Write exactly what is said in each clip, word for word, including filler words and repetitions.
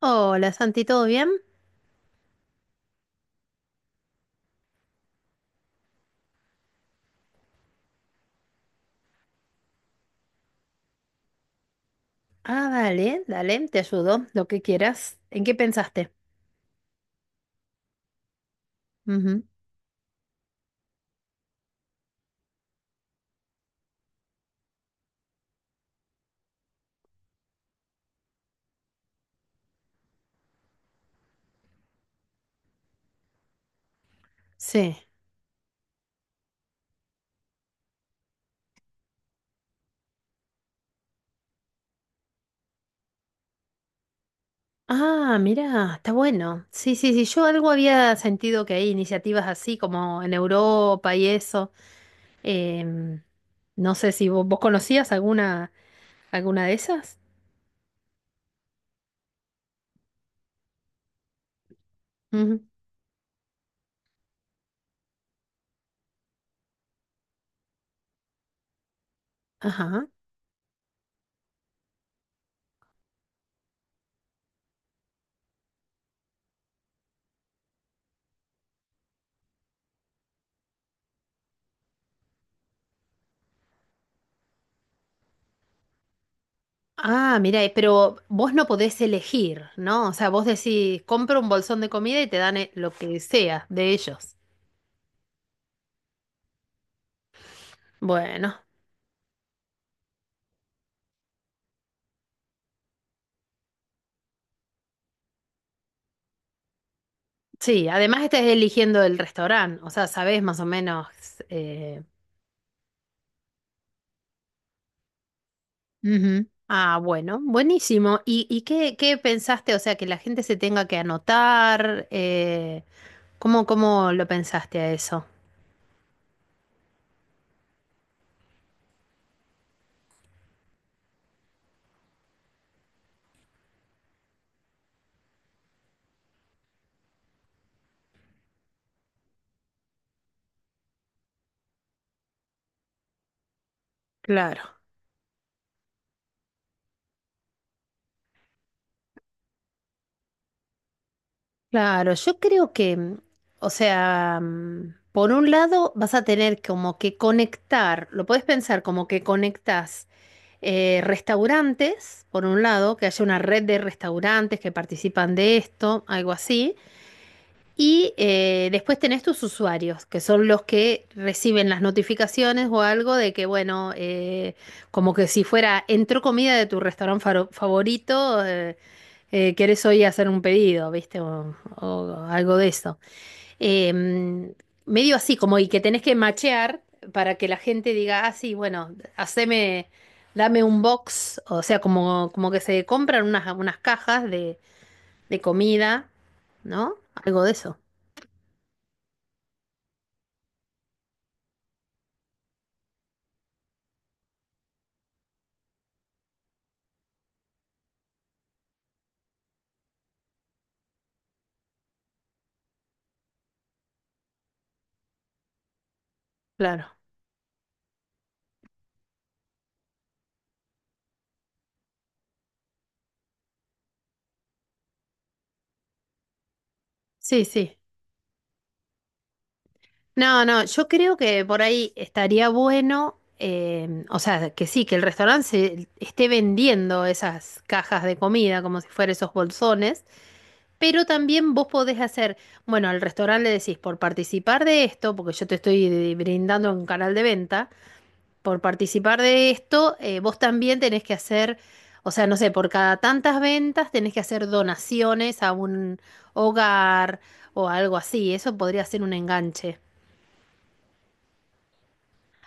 Hola Santi, ¿todo bien? Ah, dale, dale, te ayudo, lo que quieras. ¿En qué pensaste? Ujú. Sí. Ah, mira, está bueno. Sí, sí, sí, yo algo había sentido que hay iniciativas así como en Europa y eso. Em, no sé si vos, vos conocías alguna, alguna de esas. Ujú. Ajá. Ah, mira, eh, pero vos no podés elegir, ¿no? O sea, vos decís, compro un bolsón de comida y te dan eh, lo que sea de ellos. Bueno. Sí, además estás eligiendo el restaurante, o sea, sabes más o menos. eh, Ujú. Ah, bueno, buenísimo. ¿Y, y qué, qué pensaste? O sea, que la gente se tenga que anotar. Eh, ¿cómo, cómo lo pensaste a eso? Claro. Claro, yo creo que, mm, o sea, mm, por un lado vas a tener como que conectar, lo puedes pensar como que conectas eh, restaurantes, por un lado, que haya una red de restaurantes que participan de esto, algo así. Y eh, después tenés tus usuarios, que son los que reciben las notificaciones o algo de que, bueno, eh, como que si fuera, entró comida de tu restaurante faro- favorito, eh, eh, querés hoy hacer un pedido, ¿viste? O, o algo de eso. Eh, Medio así, como y que tenés que machear para que la gente diga, ah, sí, bueno, haceme, dame un box, o sea, como, como que se compran unas, unas cajas de, de comida, ¿no? Algo de eso, claro. Sí, sí. No, no, yo creo que por ahí estaría bueno, em, o sea, que sí, que el restaurante se- esté vendiendo esas cajas de comida como si fueran esos bolsones, pero también vos podés hacer, bueno, al restaurante le decís, por participar de esto, porque yo te estoy brindando un canal de venta, por participar de esto, eh, vos también tenés que hacer, o sea, no sé, por cada tantas ventas tenés que hacer donaciones a un hogar o algo así, eso podría ser un enganche.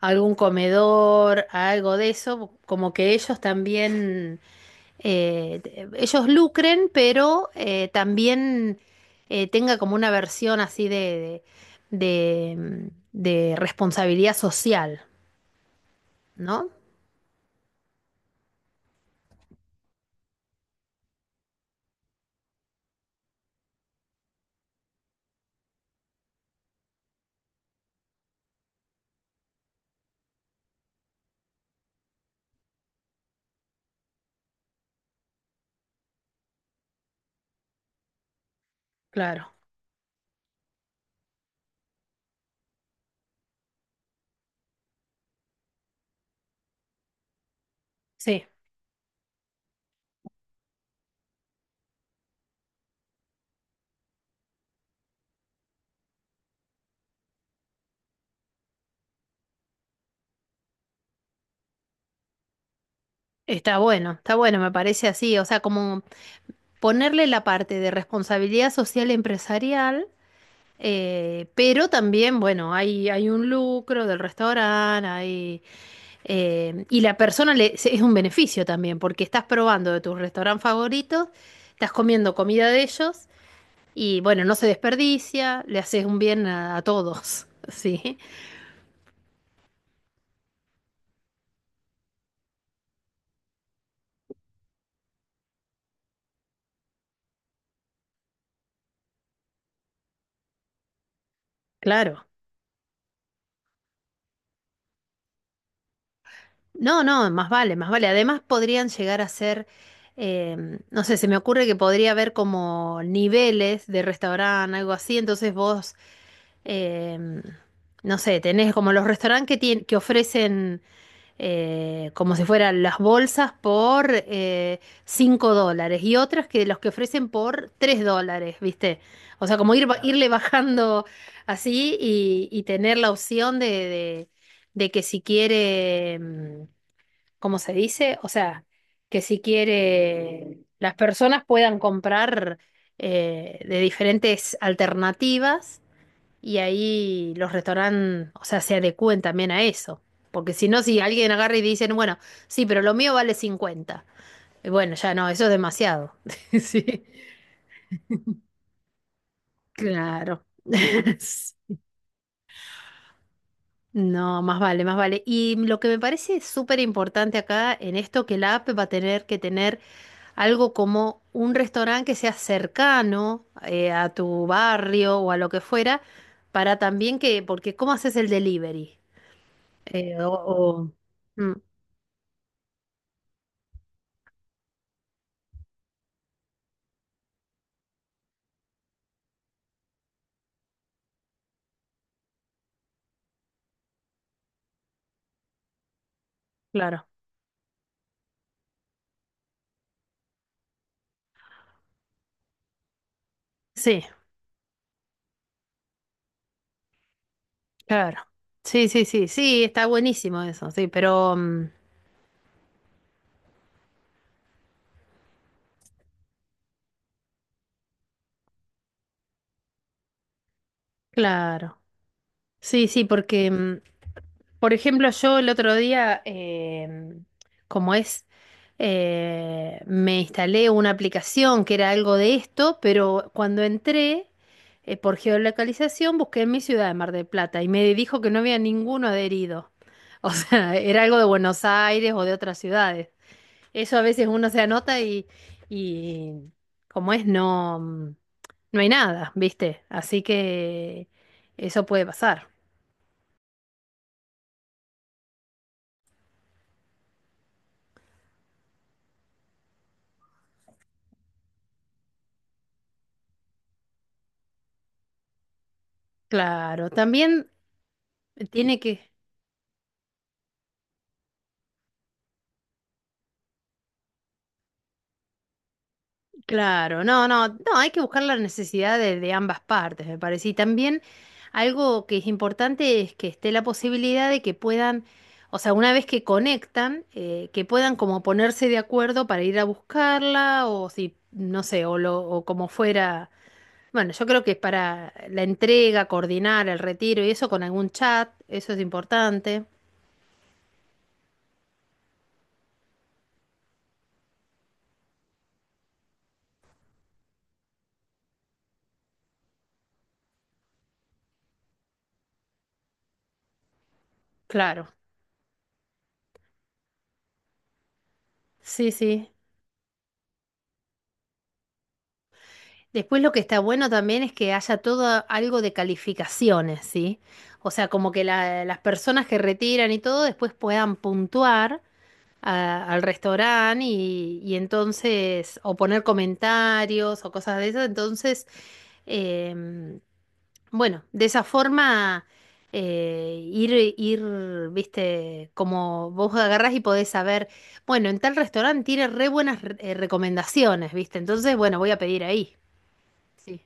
Algún comedor, algo de eso, como que ellos también, eh, te- ellos lucren, pero eh, también eh, tenga como una versión así de, de, de, mm, de responsabilidad social, ¿no? Claro, sí, está bueno, está bueno, me parece así, o sea, como ponerle la parte de responsabilidad social empresarial. Eh, pero también, bueno, hay, hay un lucro del restaurante, hay. Eh, y la persona le, se- es un beneficio también, porque estás probando de tus restaurantes favoritos, estás comiendo comida de ellos y bueno, no se desperdicia, le haces un bien a, a todos, ¿sí? Claro. No, no, más vale, más vale. Además podrían llegar a ser, eh, no sé, se me ocurre que podría haber como niveles de restaurante, algo así, entonces vos, eh, no sé, tenés como los restaurantes que, tien- que ofrecen eh, como si fueran las bolsas por eh, cinco dólares y otras que los que ofrecen por tres dólares, ¿viste? O sea, como ir, ba- irle bajando así y, y tener la opción de, de, de que si quiere, mm, ¿cómo se dice? O sea, que si quiere las personas puedan comprar eh, de diferentes alternativas y ahí los restaurantes, o sea, se adecúen también a eso. Porque si no, si alguien agarra y dicen, bueno, sí, pero lo mío vale cincuenta. Y bueno, ya no, eso es demasiado. Sí, claro. No, más vale, más vale. Y lo que me parece súper importante acá en esto, que la app va a tener que tener algo como un restaurante que sea cercano eh, a tu barrio o a lo que fuera, para también que, porque ¿cómo haces el delivery? Eh, o, o- Mm. Claro, sí, claro. Sí, sí, sí, sí, está buenísimo eso, sí, pero mm, claro. Sí, sí, porque, mm, por ejemplo, yo el otro día, em, como es, eh, me instalé una aplicación que era algo de esto, pero cuando entré, eh, por geolocalización, busqué en mi ciudad de Mar del Plata y me dijo que no había ninguno adherido. O sea, era algo de Buenos Aires o de otras ciudades. Eso a veces uno se anota y, y como es, no, mm, no hay nada, ¿viste? Así que eso puede pasar. Claro, también tiene que, claro, no, no, no, hay que buscar la necesidad de, de ambas partes, me parece. Y también algo que es importante es que esté la posibilidad de que puedan, o sea, una vez que conectan, eh, que puedan como ponerse de acuerdo para ir a buscarla o si, no sé, o, lo, o como fuera. Bueno, yo creo que para la entrega, coordinar el retiro y eso con algún chat, eso es importante. Claro, sí, sí. Después lo que está bueno también es que haya todo algo de calificaciones, ¿sí? O sea, como que la- las personas que retiran y todo después puedan puntuar a- al restaurante y, y entonces, o poner comentarios o cosas de esas, entonces... em, Bueno, de esa forma eh, ir, ir, viste, como vos agarrás y podés saber, bueno, en tal restaurante tiene re buenas re- eh, recomendaciones, viste, entonces, bueno, voy a pedir ahí. Sí,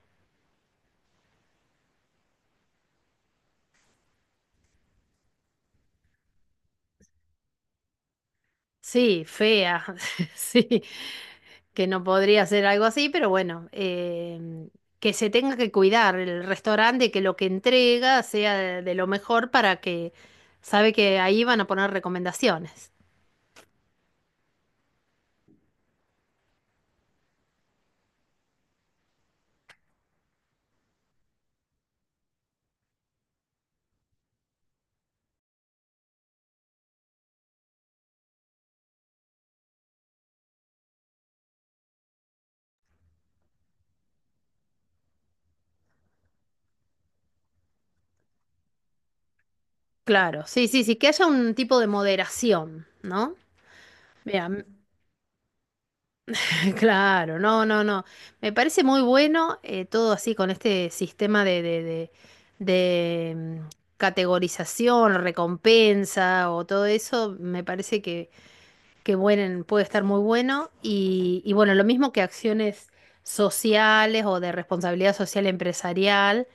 sí, fea, sí, que no podría ser algo así, pero bueno, eh, que se tenga que cuidar el restaurante, que lo que entrega sea de, de lo mejor, para que sabe que ahí van a poner recomendaciones. Claro, sí, sí, sí, que haya un tipo de moderación, ¿no? Mira, m- claro, no, no, no. Me parece muy bueno eh, todo así con este sistema de, de, de, de, mm, categorización, recompensa o todo eso. Me parece que, que buen- puede estar muy bueno. Y, y bueno, lo mismo que acciones sociales o de responsabilidad social empresarial.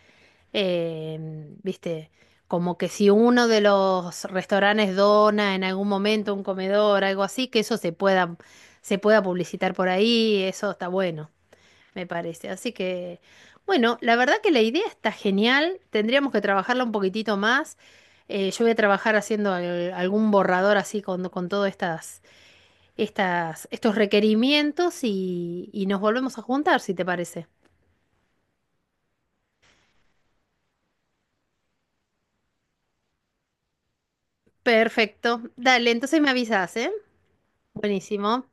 Em, viste, como que si uno de los restaurantes dona en algún momento un comedor, algo así, que eso se pueda, se pueda publicitar por ahí, eso está bueno, me parece. Así que, bueno, la verdad que la idea está genial, tendríamos que trabajarla un poquitito más. Eh, yo voy a trabajar haciendo al- algún borrador así con, con todas estas, estas, estos requerimientos y, y nos volvemos a juntar, si te parece. Perfecto. Dale, entonces me avisas, ¿eh? Buenísimo.